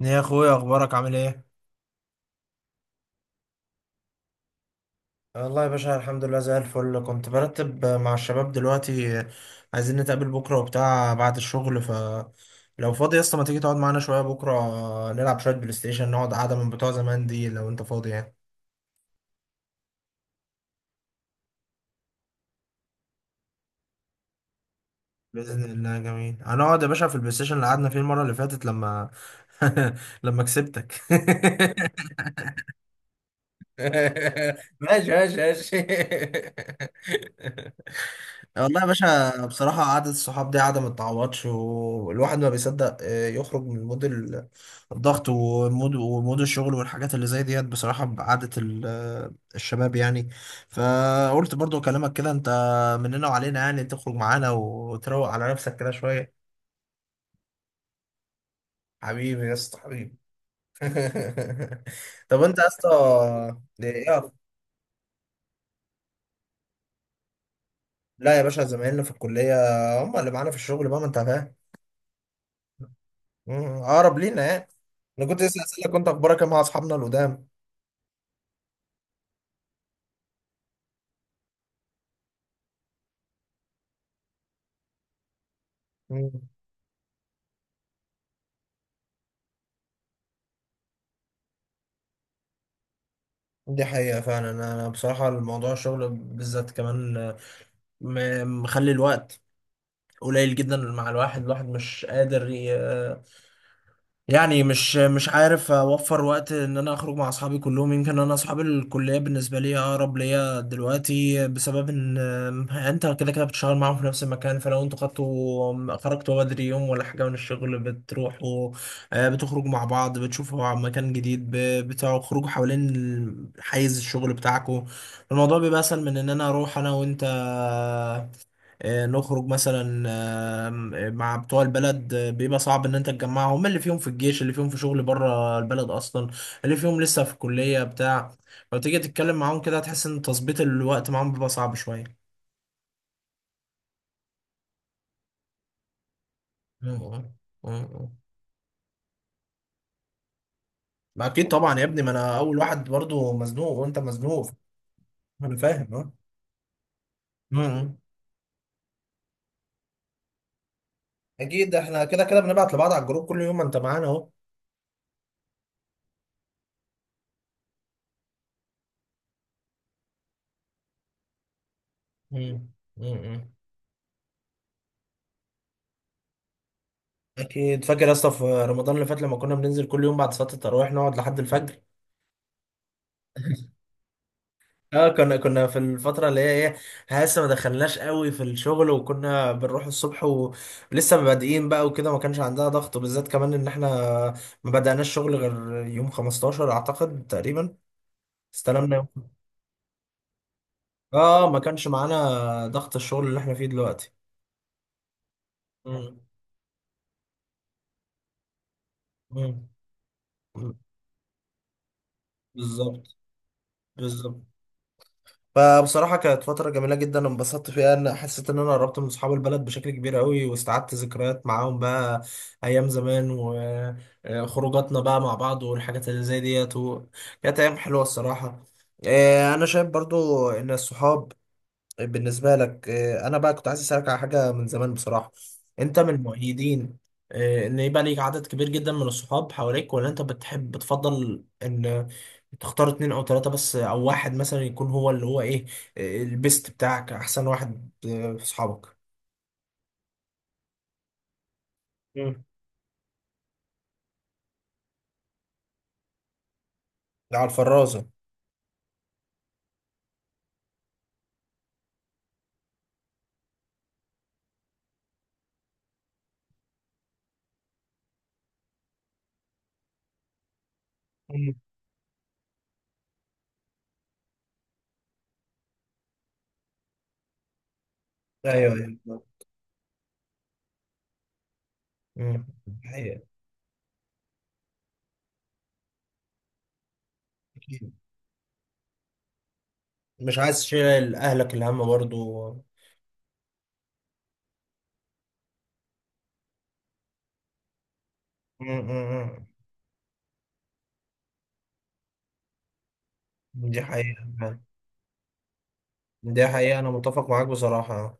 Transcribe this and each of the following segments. يا اخويا اخبارك عامل ايه؟ والله يا باشا الحمد لله زي الفل. كنت برتب مع الشباب دلوقتي، عايزين نتقابل بكرة وبتاع بعد الشغل، ف لو فاضي يا اسطى ما تيجي تقعد معانا شوية بكرة؟ نلعب شوية بلاي ستيشن، نقعد قعدة من بتوع زمان دي لو انت فاضي يعني. باذن الله جميل، هنقعد يا باشا في البلاي ستيشن اللي قعدنا فيه المره اللي فاتت لما لما كسبتك. ماشي ماشي ماشي. والله يا باشا بصراحة قعدة الصحاب دي قعدة ما تتعوضش، والواحد ما بيصدق يخرج من مود الضغط ومود الشغل والحاجات اللي زي ديت بصراحة بقعدة الشباب يعني. فقلت برضو أكلمك كده، أنت مننا وعلينا يعني، تخرج معانا وتروق على نفسك كده شوية. حبيبي يا اسطى حبيبي. طب أنت يا اسطى إيه- لا يا باشا، زمايلنا في الكلية هم اللي معانا في الشغل بقى، ما أنت فاهم. مم، اقرب لينا يعني. انا كنت لسه اسالك كنت اخبارك إيه مع اصحابنا القدام. مم. دي حقيقة فعلا، أنا بصراحة الموضوع الشغل بالذات كمان مخلي الوقت قليل جدا، مع الواحد مش قادر يعني، مش عارف اوفر وقت ان انا اخرج مع اصحابي كلهم. يمكن انا اصحاب الكليه بالنسبه لي اقرب ليا دلوقتي بسبب ان انت كده كده بتشتغل معاهم في نفس المكان، فلو انتوا خدتوا خرجتوا بدري يوم ولا حاجه من الشغل بتروحوا بتخرجوا مع بعض، بتشوفوا عن مكان جديد، بتخرجوا حوالين حيز الشغل بتاعكم. الموضوع بيبقى اسهل من ان انا اروح انا وانت نخرج مثلا آم، آه، مع بتوع البلد. بيبقى صعب ان انت تجمعهم، اللي فيهم في الجيش، اللي فيهم في شغل بره البلد اصلا، اللي فيهم لسه في الكلية بتاع، لو تيجي تتكلم معاهم كده هتحس ان تظبيط الوقت معاهم بيبقى صعب شوية. مم. مم. ما اكيد طبعا يا ابني، ما انا اول واحد برضو مزنوق وانت مزنوق. انا فاهم، اه. مم. اكيد احنا كده كده بنبعت لبعض على الجروب كل يوم، ما انت معانا اهو. مم. مم. اكيد فاكر يا اسطى في رمضان اللي فات لما كنا بننزل كل يوم بعد صلاة التراويح نقعد لحد الفجر؟ اه، كنا في الفترة اللي هي ايه، إحنا لسه ما دخلناش قوي في الشغل وكنا بنروح الصبح ولسه مبادئين بقى وكده، ما كانش عندها ضغط بالذات كمان ان احنا ما بدأناش شغل غير يوم 15 اعتقد تقريبا، استلمنا يوم. اه ما كانش معانا ضغط الشغل اللي احنا فيه دلوقتي. مم. مم. بالظبط. بالظبط. فبصراحة كانت فترة جميلة جدا، انبسطت فيها ان حسيت ان انا قربت من اصحاب البلد بشكل كبير قوي، واستعدت ذكريات معاهم بقى ايام زمان، وخروجاتنا بقى مع بعض والحاجات اللي زي ديت كانت ايام حلوة الصراحة. انا شايف برضو ان الصحاب، طيب بالنسبة لك أنا بقى كنت عايز أسألك على حاجة من زمان بصراحة. أنت من مؤيدين إن يبقى ليك عدد كبير جدا من الصحاب حواليك، ولا أنت بتحب بتفضل إن تختار اتنين أو تلاتة بس أو واحد مثلا يكون هو اللي هو إيه البيست بتاعك، أحسن واحد في صحابك؟ مم. اللي على الفرازة. مم. ايوه ايوه. مم. حقيقة. أكيد. مش عايز تشيل أهلك الهم برضو. مم. مم. مم. دي حقيقة. دي حقيقة، أنا متفق معاك بصراحة.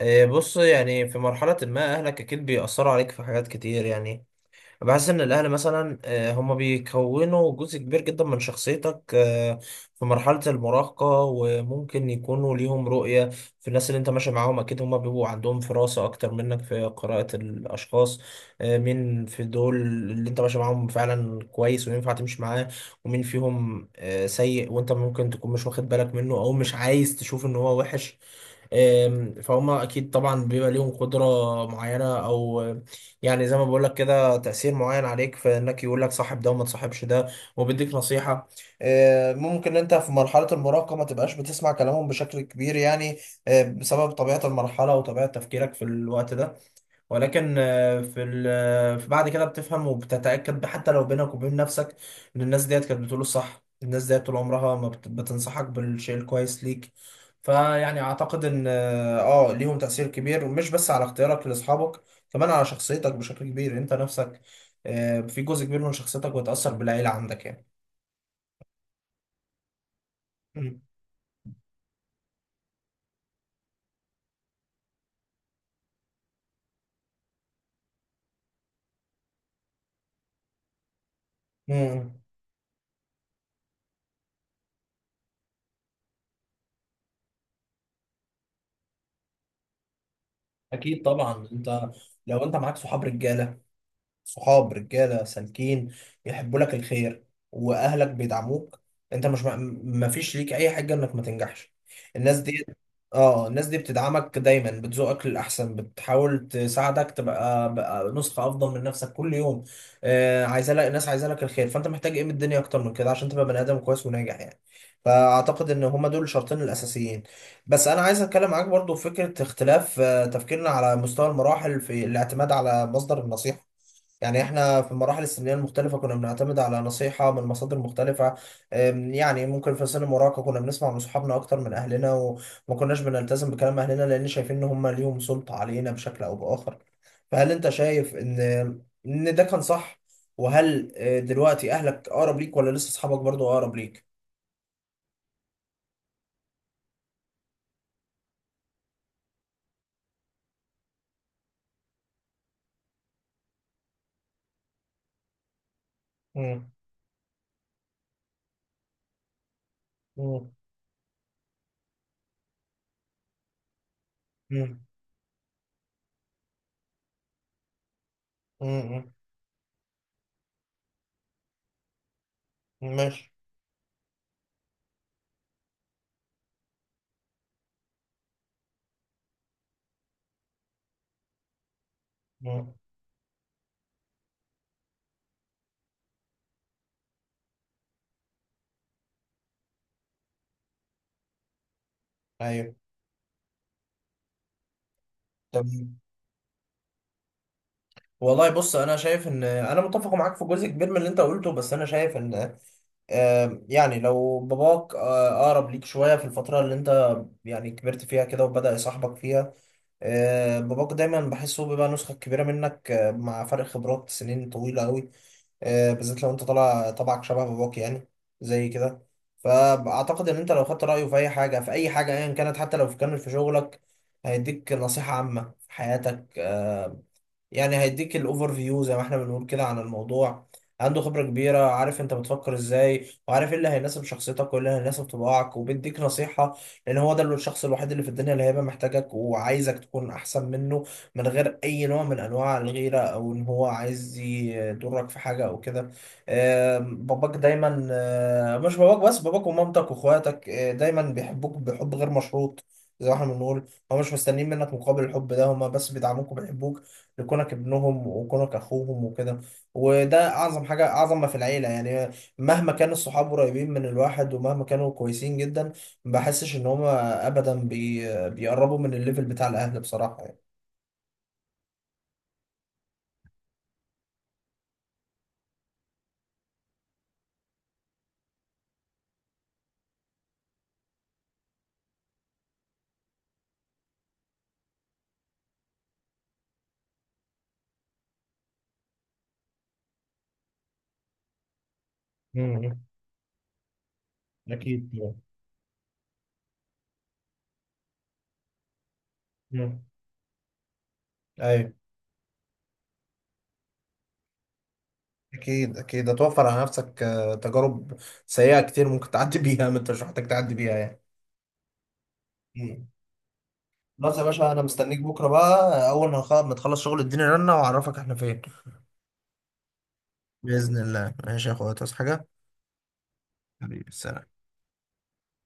بص، يعني في مرحلة ما أهلك أكيد بيأثروا عليك في حاجات كتير يعني. بحس إن الأهل مثلا هما بيكونوا جزء كبير جدا من شخصيتك في مرحلة المراهقة، وممكن يكونوا ليهم رؤية في الناس اللي أنت ماشي معاهم. أكيد هما بيبقوا عندهم فراسة أكتر منك في قراءة الأشخاص، مين في دول اللي أنت ماشي معاهم فعلا كويس وينفع تمشي معاه، ومين فيهم سيء وأنت ممكن تكون مش واخد بالك منه أو مش عايز تشوف إن هو وحش. فهم اكيد طبعا بيبقى ليهم قدره معينه او يعني زي ما بقول لك كده تاثير معين عليك، في انك يقول لك صاحب ده وما تصاحبش ده، وبيديك نصيحه. ممكن انت في مرحله المراهقه ما تبقاش بتسمع كلامهم بشكل كبير يعني، بسبب طبيعه المرحله وطبيعه تفكيرك في الوقت ده. ولكن آه، في ال- آه، في بعد كده بتفهم وبتتأكد حتى لو بينك وبين نفسك ان الناس ديت كانت بتقول الصح، الناس ديت طول عمرها ما بت- بتنصحك بالشيء الكويس ليك. فيعني اعتقد ان ليهم تأثير كبير، ومش بس على اختيارك لاصحابك، كمان على شخصيتك بشكل كبير انت نفسك. في جزء كبير من شخصيتك بيتأثر بالعيلة عندك يعني. مم. مم. اكيد طبعا. انت لو انت معاك صحاب رجالة، صحاب رجاله سالكين يحبوا لك الخير، واهلك بيدعموك، انت مش، ما فيش ليك اي حاجه انك ما تنجحش. الناس دي، اه الناس دي بتدعمك دايما، بتزوقك للاحسن، بتحاول تساعدك تبقى بقى نسخه افضل من نفسك كل يوم. آه عايزه لك، الناس عايزه لك الخير، فانت محتاج ايه من الدنيا اكتر من كده عشان تبقى بني ادم كويس وناجح يعني. فاعتقد ان هما دول الشرطين الاساسيين. بس انا عايز اتكلم معاك برضو في فكره اختلاف تفكيرنا على مستوى المراحل في الاعتماد على مصدر النصيحه. يعني احنا في المراحل السنية المختلفة كنا بنعتمد على نصيحة من مصادر مختلفة. يعني ممكن في سن المراهقة كنا بنسمع من صحابنا أكتر من أهلنا، وما كناش بنلتزم بكلام أهلنا لأن شايفين إن هم ليهم سلطة علينا بشكل أو بآخر. فهل أنت شايف إن ده كان صح؟ وهل دلوقتي أهلك أقرب ليك ولا لسه أصحابك برضو أقرب ليك؟ مم. مم. مم. مم. مم. ماشي. مم. أيوه. تمام. والله بص، انا شايف ان انا متفق معاك في جزء كبير من اللي انت قلته، بس انا شايف ان يعني لو باباك اقرب ليك شويه في الفتره اللي انت يعني كبرت فيها كده وبدأ يصاحبك فيها، باباك دايما بحسه بيبقى نسخه كبيره منك مع فرق خبرات سنين طويله قوي، بالذات لو انت طالع طبعك شبه باباك يعني، زي كده. فاعتقد ان انت لو خدت رايه في اي حاجه، ايا كانت حتى لو كانت في شغلك، هيديك نصيحه عامه في حياتك. يعني هيديك الاوفر فيو زي ما احنا بنقول كده عن الموضوع، عنده خبرة كبيرة، عارف انت بتفكر ازاي وعارف ايه اللي هيناسب شخصيتك وايه اللي هيناسب طباعك، وبيديك نصيحة، لان هو ده الشخص الوحيد اللي في الدنيا اللي هيبقى محتاجك وعايزك تكون احسن منه، من غير اي نوع من انواع الغيرة او ان هو عايز يضرك في حاجة او كده. باباك دايما مش باباك بس، باباك ومامتك واخواتك دايما بيحبوك بحب غير مشروط زي ما احنا بنقول، هو مش مستنيين منك مقابل الحب ده، هما بس بيدعموك وبيحبوك لكونك ابنهم وكونك اخوهم وكده. وده اعظم حاجه، اعظم ما في العيله يعني. مهما كان الصحاب قريبين من الواحد، ومهما كانوا كويسين جدا، ما بحسش ان هما ابدا بيقربوا من الليفل بتاع الاهل بصراحه يعني. مم. اكيد طبعا. مم. ايوه. اكيد اكيد هتوفر على نفسك تجارب سيئه كتير ممكن تعدي بيها، ما انت مش محتاج تعدي بيها يعني. مم. خلاص يا باشا، انا مستنيك بكره بقى اول ما ما تخلص شغل اديني رنه واعرفك احنا فين. باذن الله ماشي يا اخويا، تصحى حاجه. حبيبي، السلام.